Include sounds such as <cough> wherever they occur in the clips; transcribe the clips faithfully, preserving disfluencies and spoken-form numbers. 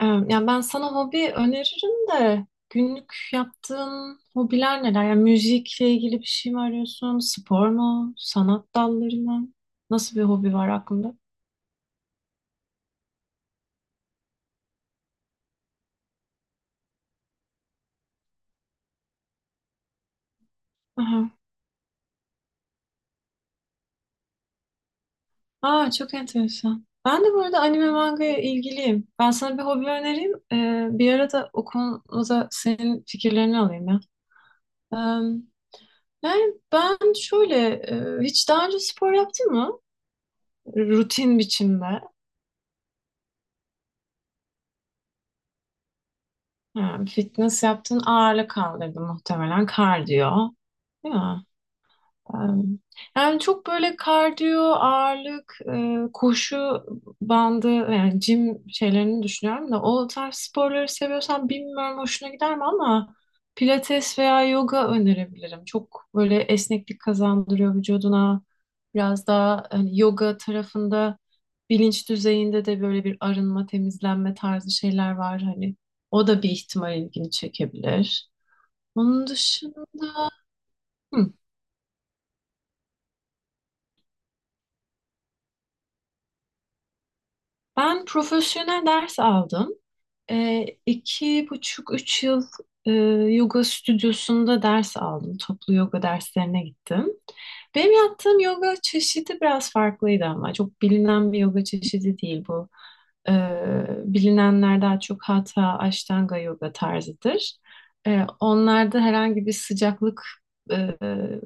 Ee, Yani ben sana hobi öneririm de günlük yaptığın hobiler neler? Yani müzikle ilgili bir şey mi arıyorsun? Spor mu? Sanat dalları mı? Nasıl bir hobi var aklında? Aha. Aa, çok enteresan. Ben de bu arada anime mangaya ilgiliyim. Ben sana bir hobi önereyim. Ee, bir ara da o konuda senin fikirlerini alayım ya. Ee, Yani ben şöyle e, hiç daha önce spor yaptın mı? Rutin biçimde. Ha, fitness yaptın, ağırlık kaldırdı muhtemelen kardiyo. Değil mi? Em, Yani çok böyle kardiyo, ağırlık, e, koşu bandı yani jim şeylerini düşünüyorum da o tarz sporları seviyorsan bilmiyorum hoşuna gider mi ama pilates veya yoga önerebilirim. Çok böyle esneklik kazandırıyor vücuduna. Biraz daha hani yoga tarafında bilinç düzeyinde de böyle bir arınma, temizlenme tarzı şeyler var hani. O da bir ihtimal ilgini çekebilir. Onun dışında. Hı, ben profesyonel ders aldım. E, iki buçuk, üç yıl e, yoga stüdyosunda ders aldım. Toplu yoga derslerine gittim. Benim yaptığım yoga çeşidi biraz farklıydı ama çok bilinen bir yoga çeşidi değil bu. E, Bilinenler daha çok Hatha, Ashtanga yoga tarzıdır. E, onlarda herhangi bir sıcaklık e,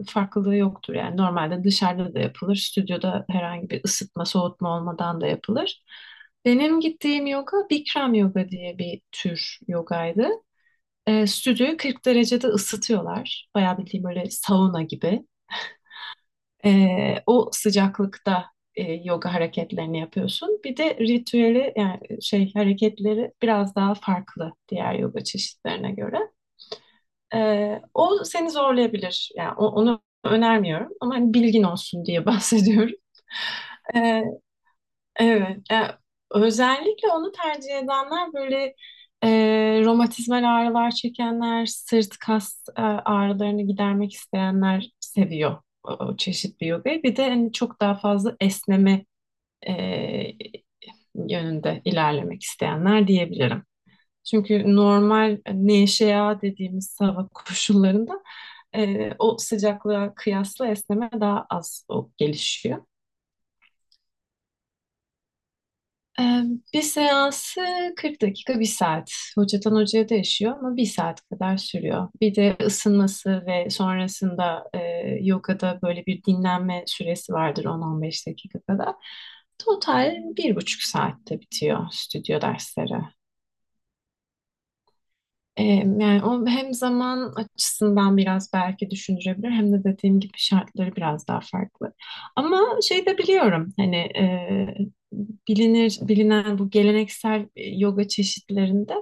farklılığı yoktur. Yani normalde dışarıda da yapılır, stüdyoda herhangi bir ısıtma, soğutma olmadan da yapılır. Benim gittiğim yoga Bikram yoga diye bir tür yogaydı. E, stüdyoyu kırk derecede ısıtıyorlar. Bayağı bildiğim böyle sauna gibi. E, O sıcaklıkta e, yoga hareketlerini yapıyorsun. Bir de ritüeli yani e, şey hareketleri biraz daha farklı diğer yoga çeşitlerine göre. E, o seni zorlayabilir. Yani o- onu önermiyorum ama hani bilgin olsun diye <laughs> bahsediyorum. E, Evet. E, özellikle onu tercih edenler böyle e, romatizmal ağrılar çekenler, sırt kas e, ağrılarını gidermek isteyenler seviyor o, o çeşit bir yogayı. Bir de hani çok daha fazla esneme e, yönünde ilerlemek isteyenler diyebilirim. Çünkü normal e, neşea dediğimiz hava koşullarında e, o sıcaklığa kıyasla esneme daha az o gelişiyor. Ee, Bir seansı kırk dakika, bir saat. Hocadan hocaya değişiyor ama bir saat kadar sürüyor. Bir de ısınması ve sonrasında e, yogada böyle bir dinlenme süresi vardır on 15 dakika kadar. Total bir buçuk saatte bitiyor stüdyo dersleri. Ee, Yani o hem zaman açısından biraz belki düşündürebilir hem de dediğim gibi şartları biraz daha farklı. Ama şey de biliyorum hani e, bilinir bilinen bu geleneksel e, yoga çeşitlerinde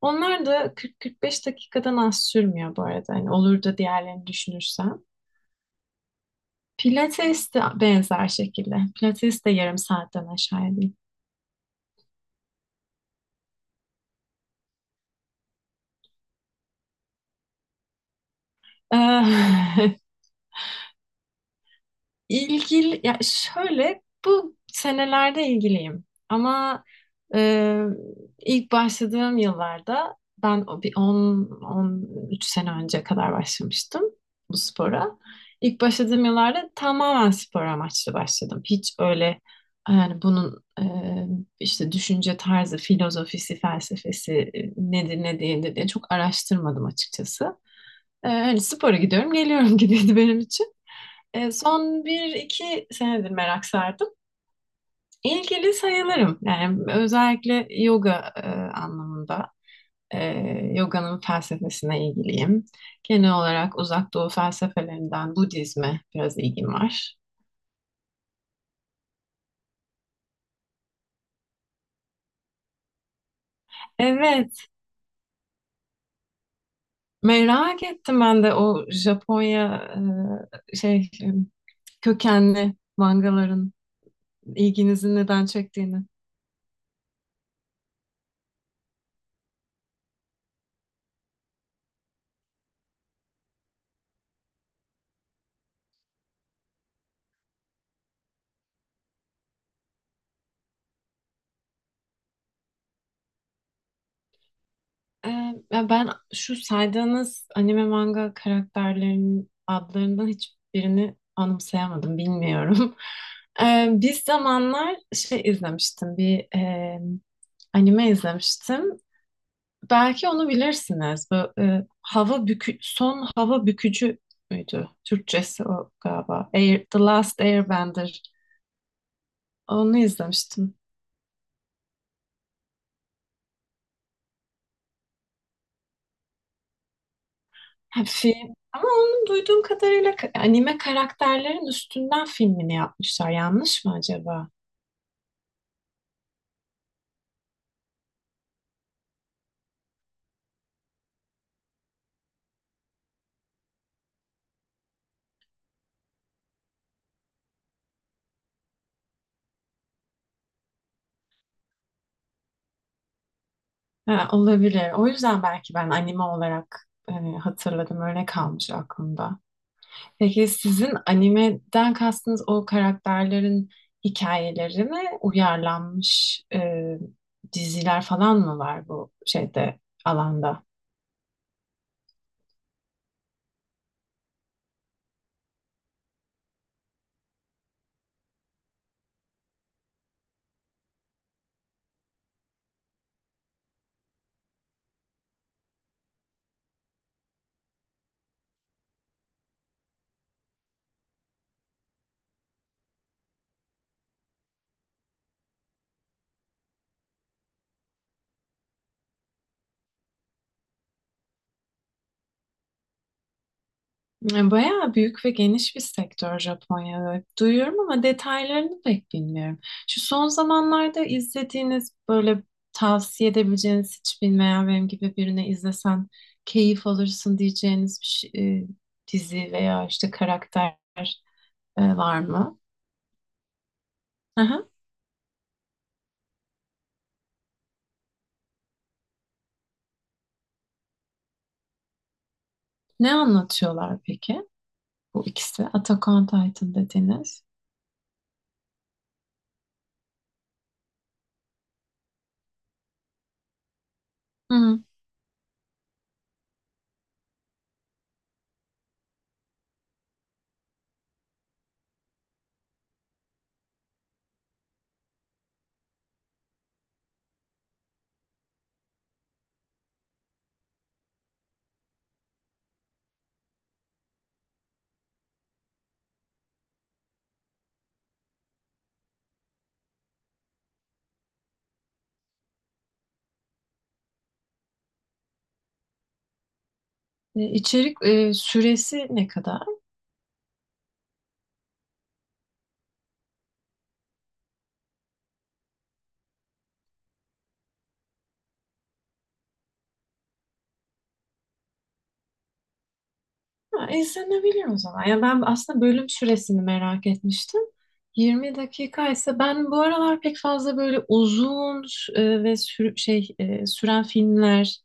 onlar da kırk kırk beş dakikadan az sürmüyor bu arada. Hani olur da diğerlerini düşünürsem. Pilates de benzer şekilde. Pilates de yarım saatten aşağı değil. <laughs> İlgili, ya şöyle bu senelerde ilgiliyim ama e, ilk başladığım yıllarda ben o bir on on üç sene önce kadar başlamıştım bu spora. İlk başladığım yıllarda tamamen spor amaçlı başladım. Hiç öyle yani bunun e, işte düşünce tarzı, filozofisi, felsefesi e, nedir ne değildir diye çok araştırmadım açıkçası. E, hani spora gidiyorum geliyorum <laughs> gibiydi benim için. E, son bir iki senedir merak sardım. İlgili sayılırım. Yani özellikle yoga e, anlamında. E, Yoganın felsefesine ilgiliyim. Genel olarak Uzak Doğu felsefelerinden Budizme biraz ilgim var. Evet, merak ettim ben de o Japonya e, şey e, kökenli mangaların ilginizi neden çektiğini. Ee, Ya ben şu saydığınız anime manga karakterlerinin adlarından hiçbirini anımsayamadım, bilmiyorum. <laughs> Ee, bir zamanlar şey izlemiştim, bir e, anime izlemiştim. Belki onu bilirsiniz. Bu e, hava bükü, son hava bükücü müydü? Türkçesi o galiba. Air, The Last Airbender. Onu izlemiştim. Ha, film. Ama onun duyduğum kadarıyla ka- anime karakterlerin üstünden filmini yapmışlar. Yanlış mı acaba? Ha, olabilir. O yüzden belki ben anime olarak hani, hatırladım. Öyle kalmış aklımda. Peki sizin animeden kastınız o karakterlerin hikayeleri uyarlanmış e, diziler falan mı var bu şeyde alanda? Yani bayağı büyük ve geniş bir sektör Japonya. Evet. Duyuyorum ama detaylarını pek bilmiyorum. Şu son zamanlarda izlediğiniz böyle tavsiye edebileceğiniz hiç bilmeyen benim gibi birine izlesen keyif alırsın diyeceğiniz bir şey- e, dizi veya işte karakter e, var mı? Aha. Ne anlatıyorlar peki? Bu ikisi Attack Titan dediniz. Hı. E, içerik e, süresi ne kadar? Ha, izlenebilir o zaman. Ya ben aslında bölüm süresini merak etmiştim. yirmi dakika ise ben bu aralar pek fazla böyle uzun e, ve sürü- şey e, süren filmler,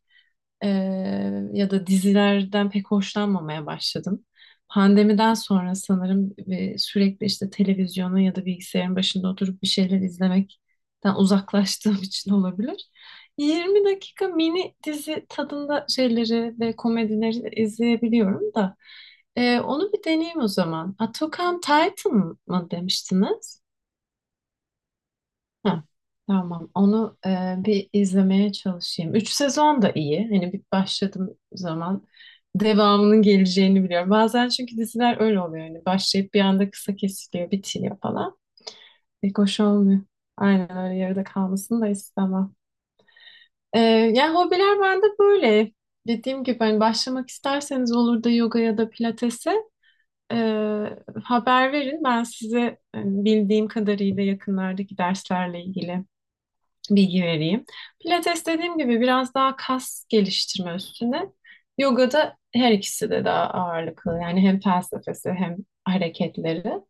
Eee, ya da dizilerden pek hoşlanmamaya başladım. Pandemiden sonra sanırım e, sürekli işte televizyonun ya da bilgisayarın başında oturup bir şeyler izlemekten uzaklaştığım <laughs> için olabilir. yirmi dakika mini dizi tadında şeyleri ve komedileri izleyebiliyorum da. E, onu bir deneyeyim o zaman. Attack on Titan mı demiştiniz? Ha, tamam. Onu e, bir izlemeye çalışayım. Üç sezon da iyi. Hani bir başladığım zaman devamının geleceğini biliyorum. Bazen çünkü diziler öyle oluyor. Hani başlayıp bir anda kısa kesiliyor, bitiyor falan. Pek hoş olmuyor. Aynen öyle yarıda kalmasını da istemem. E, Yani hobiler bende böyle. Dediğim gibi hani başlamak isterseniz olur da yoga ya da pilatese e, haber verin. Ben size e, bildiğim kadarıyla yakınlardaki derslerle ilgili bilgi vereyim. Pilates dediğim gibi biraz daha kas geliştirme üstüne. Yoga'da her ikisi de daha ağırlıklı. Yani hem felsefesi hem hareketleri.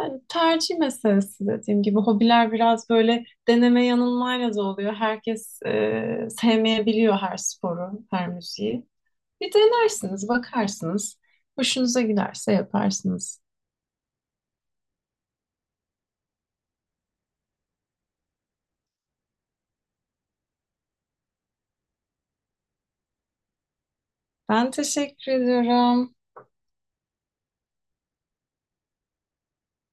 Yani tercih meselesi dediğim gibi. Hobiler biraz böyle deneme yanılmayla da oluyor. Herkes e, sevmeyebiliyor her sporu, her müziği. Bir denersiniz, bakarsınız. Hoşunuza giderse yaparsınız. Ben teşekkür ediyorum.